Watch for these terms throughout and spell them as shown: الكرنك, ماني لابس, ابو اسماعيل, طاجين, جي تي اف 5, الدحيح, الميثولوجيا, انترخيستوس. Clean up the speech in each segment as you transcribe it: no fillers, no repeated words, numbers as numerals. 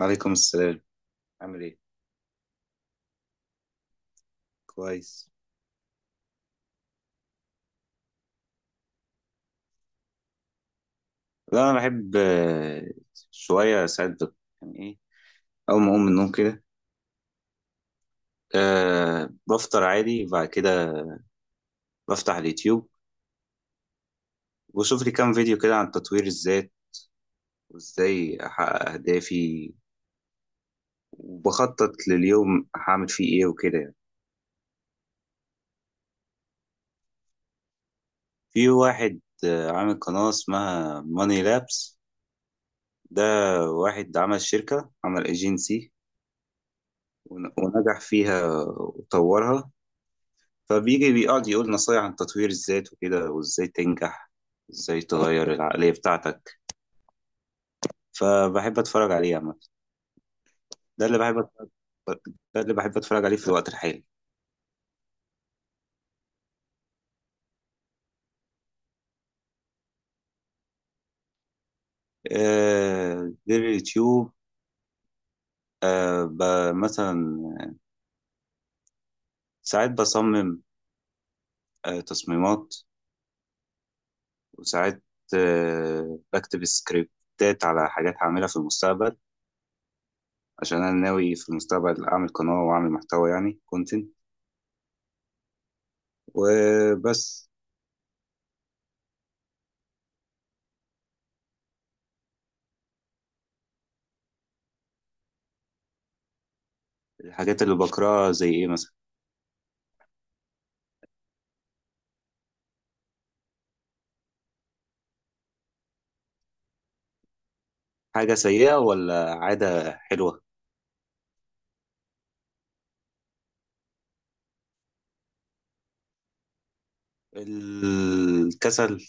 عليكم السلام. عامل ايه؟ كويس. لا انا بحب، شويه ساعات يعني ايه. اول ما اقوم من النوم كده بفطر عادي، وبعد كده بفتح اليوتيوب وبشوف لي كام فيديو كده عن تطوير الذات، وازاي احقق اهدافي، وبخطط لليوم هعمل فيه ايه وكده يعني. في واحد، عامل قناه اسمها ماني لابس. ده واحد عمل شركه، عمل ايجنسي ونجح فيها وطورها، فبيجي بيقعد يقول نصايح عن تطوير الذات وكده، وازاي تنجح، ازاي تغير العقلية بتاعتك. فبحب اتفرج عليه عامة. ده اللي بحب أتفرج، ده اللي بحب اتفرج عليه في الوقت الحالي. آه، غير اليوتيوب، مثلا ساعات بصمم، تصميمات، وساعات، بكتب سكريبتات على حاجات هعملها في المستقبل، عشان انا ناوي في المستقبل اعمل قناة واعمل محتوى يعني كونتنت. وبس. الحاجات اللي بقراها زي ايه مثلا؟ حاجة سيئة ولا عادة حلوة؟ الكسل.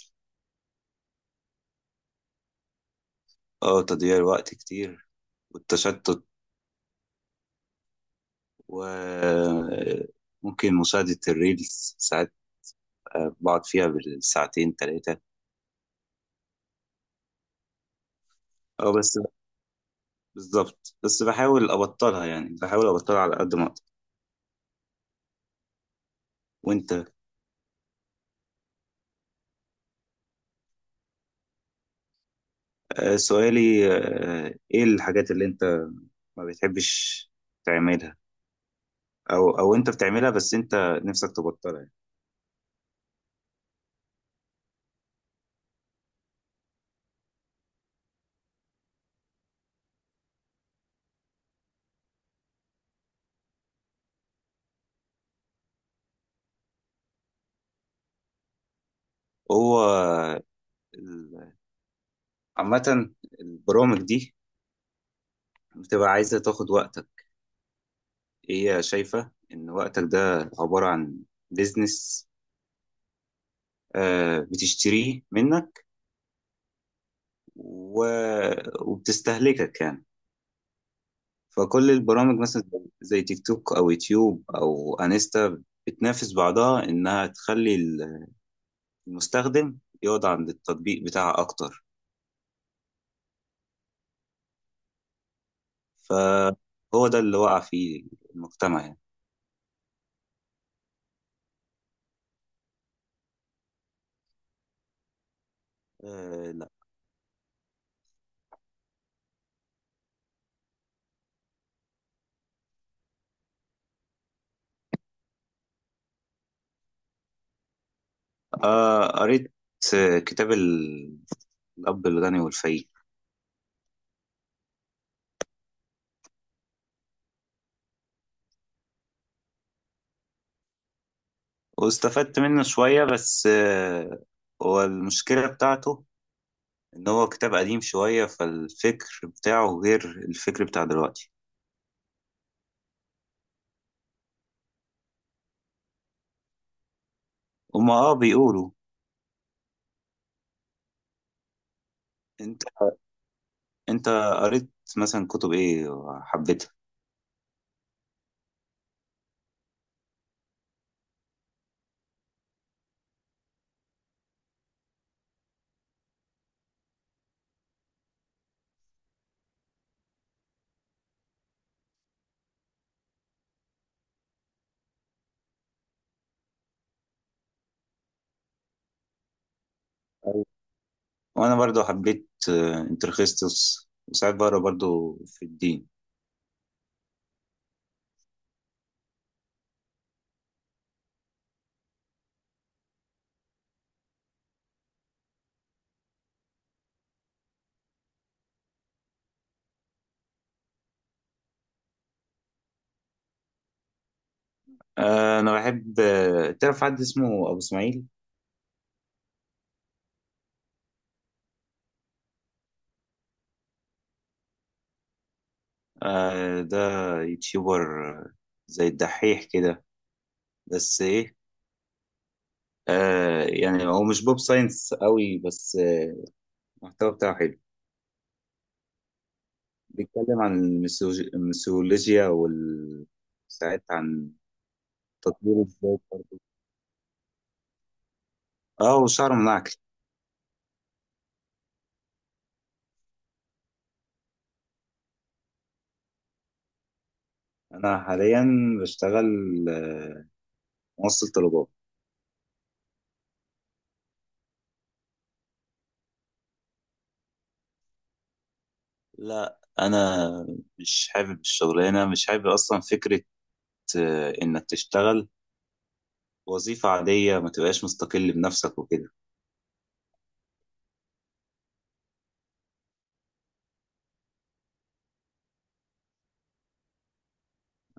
اه، تضييع الوقت كتير، والتشتت، وممكن مشاهدة الريلز. ساعات بقعد فيها بالساعتين تلاتة. اه بس، بالظبط، بس بحاول أبطلها، يعني بحاول أبطلها على قد ما أقدر. وأنت؟ سؤالي، إيه الحاجات اللي أنت ما بتحبش تعملها، أو أنت بتعملها بس أنت نفسك تبطلها يعني. هو ال- عامة البرامج دي بتبقى عايزة تاخد وقتك. هي شايفة إن وقتك ده عبارة عن بيزنس بتشتريه منك و... وبتستهلكك يعني. فكل البرامج، مثلا زي تيك توك أو يوتيوب أو أنستا، بتنافس بعضها إنها تخلي المستخدم يقعد عند التطبيق بتاعها أكتر. فهو ده اللي وقع فيه المجتمع يعني. لا. قريت، كتاب الأب الغني والفقير. واستفدت منه شوية، بس، هو المشكلة بتاعته إن هو كتاب قديم شوية، فالفكر بتاعه غير الفكر بتاع دلوقتي. هما اه بيقولوا. انت، انت قريت مثلا كتب ايه وحبيتها؟ أيوة. وانا برضو حبيت، انترخيستوس، وساعات بقرا برضو في الدين. انا بحب، تعرف حد اسمه ابو اسماعيل؟ ده يوتيوبر، زي الدحيح كده، بس ايه، آه يعني هو مش بوب ساينس قوي، بس، المحتوى بتاعه حلو. بيتكلم عن الميثولوجيا وال ساعات عن تطوير الذات برضه. اه وشعر منعكس. انا حاليا بشتغل، آه، موصل طلبات. لا انا مش حابب الشغلانه، مش حابب اصلا فكره، انك تشتغل وظيفه عاديه ما تبقاش مستقل بنفسك وكده.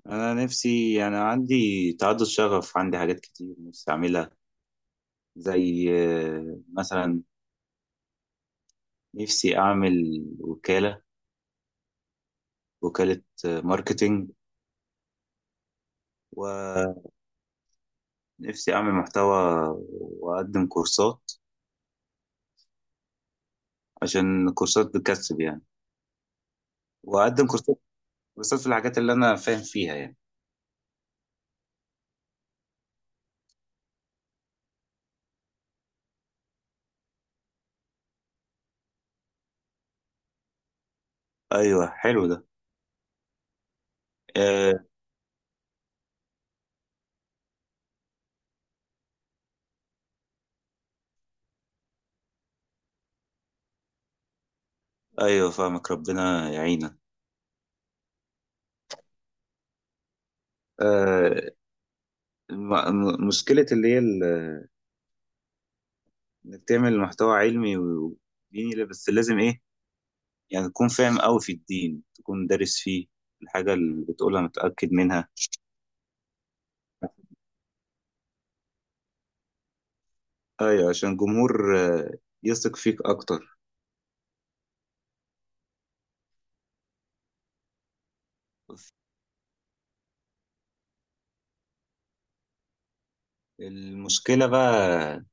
انا نفسي، يعني عندي تعدد شغف، عندي حاجات كتير نفسي اعملها، زي مثلا نفسي أعمل وكالة، وكالة ماركتينج. ونفسي أعمل محتوى وأقدم كورسات، عشان الكورسات بتكسب يعني. وأقدم كورسات، كورسات في الحاجات اللي أنا فاهم فيها يعني. أيوه حلو ده. آه أيوه فاهمك، ربنا يعينك. آه مشكلة اللي هي إنك تعمل محتوى علمي وديني، لا، بس لازم إيه، يعني تكون فاهم أوي في الدين، تكون دارس فيه، الحاجة اللي بتقولها متأكد منها. ايوه عشان الجمهور، يثق فيك اكتر. المشكله بقى،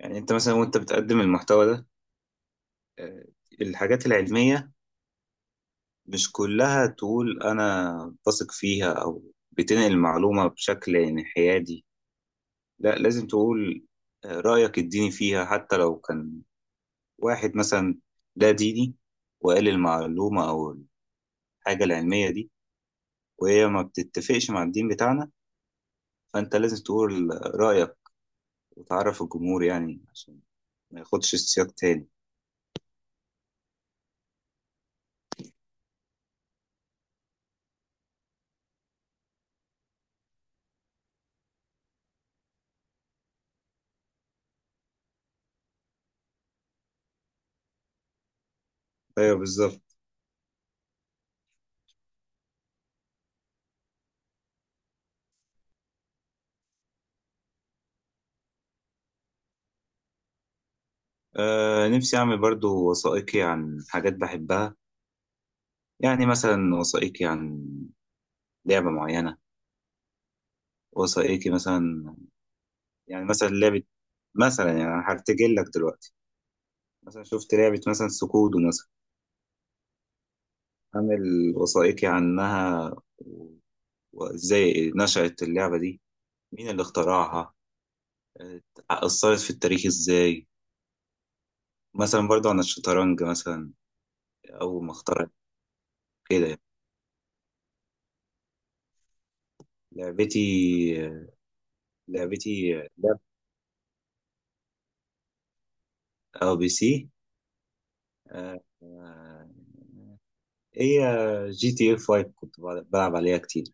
يعني انت مثلا وانت بتقدم المحتوى ده، آه، الحاجات العلميه مش كلها تقول انا بثق فيها او بتنقل المعلومه بشكل انحيادي، لا لازم تقول رايك الديني فيها. حتى لو كان واحد مثلا لا ديني وقال المعلومه او الحاجه العلميه دي، وهي ما بتتفقش مع الدين بتاعنا، فانت لازم تقول رايك، وتعرف الجمهور يعني، عشان ما ياخدش السياق تاني. ايوه بالظبط. آه نفسي اعمل برضو وثائقي عن حاجات بحبها. يعني مثلا وثائقي عن لعبة معينة، وثائقي مثلا، يعني مثلا لعبة، مثلا يعني أنا هرتجل لك دلوقتي، مثلا شفت لعبة مثلا سكودو مثلا، عامل وثائقي عنها، و- وازاي نشأت اللعبة دي، مين اللي اخترعها، آه، أثرت في التاريخ ازاي. مثلا برضو عن الشطرنج مثلا، أول ما اخترعت كده يعني. لعبتي لعبتي لعب او بي سي. آه، آه، هي جي تي اف 5، كنت بلعب عليها كتير.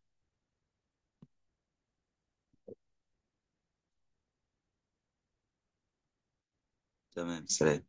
تمام، سلام.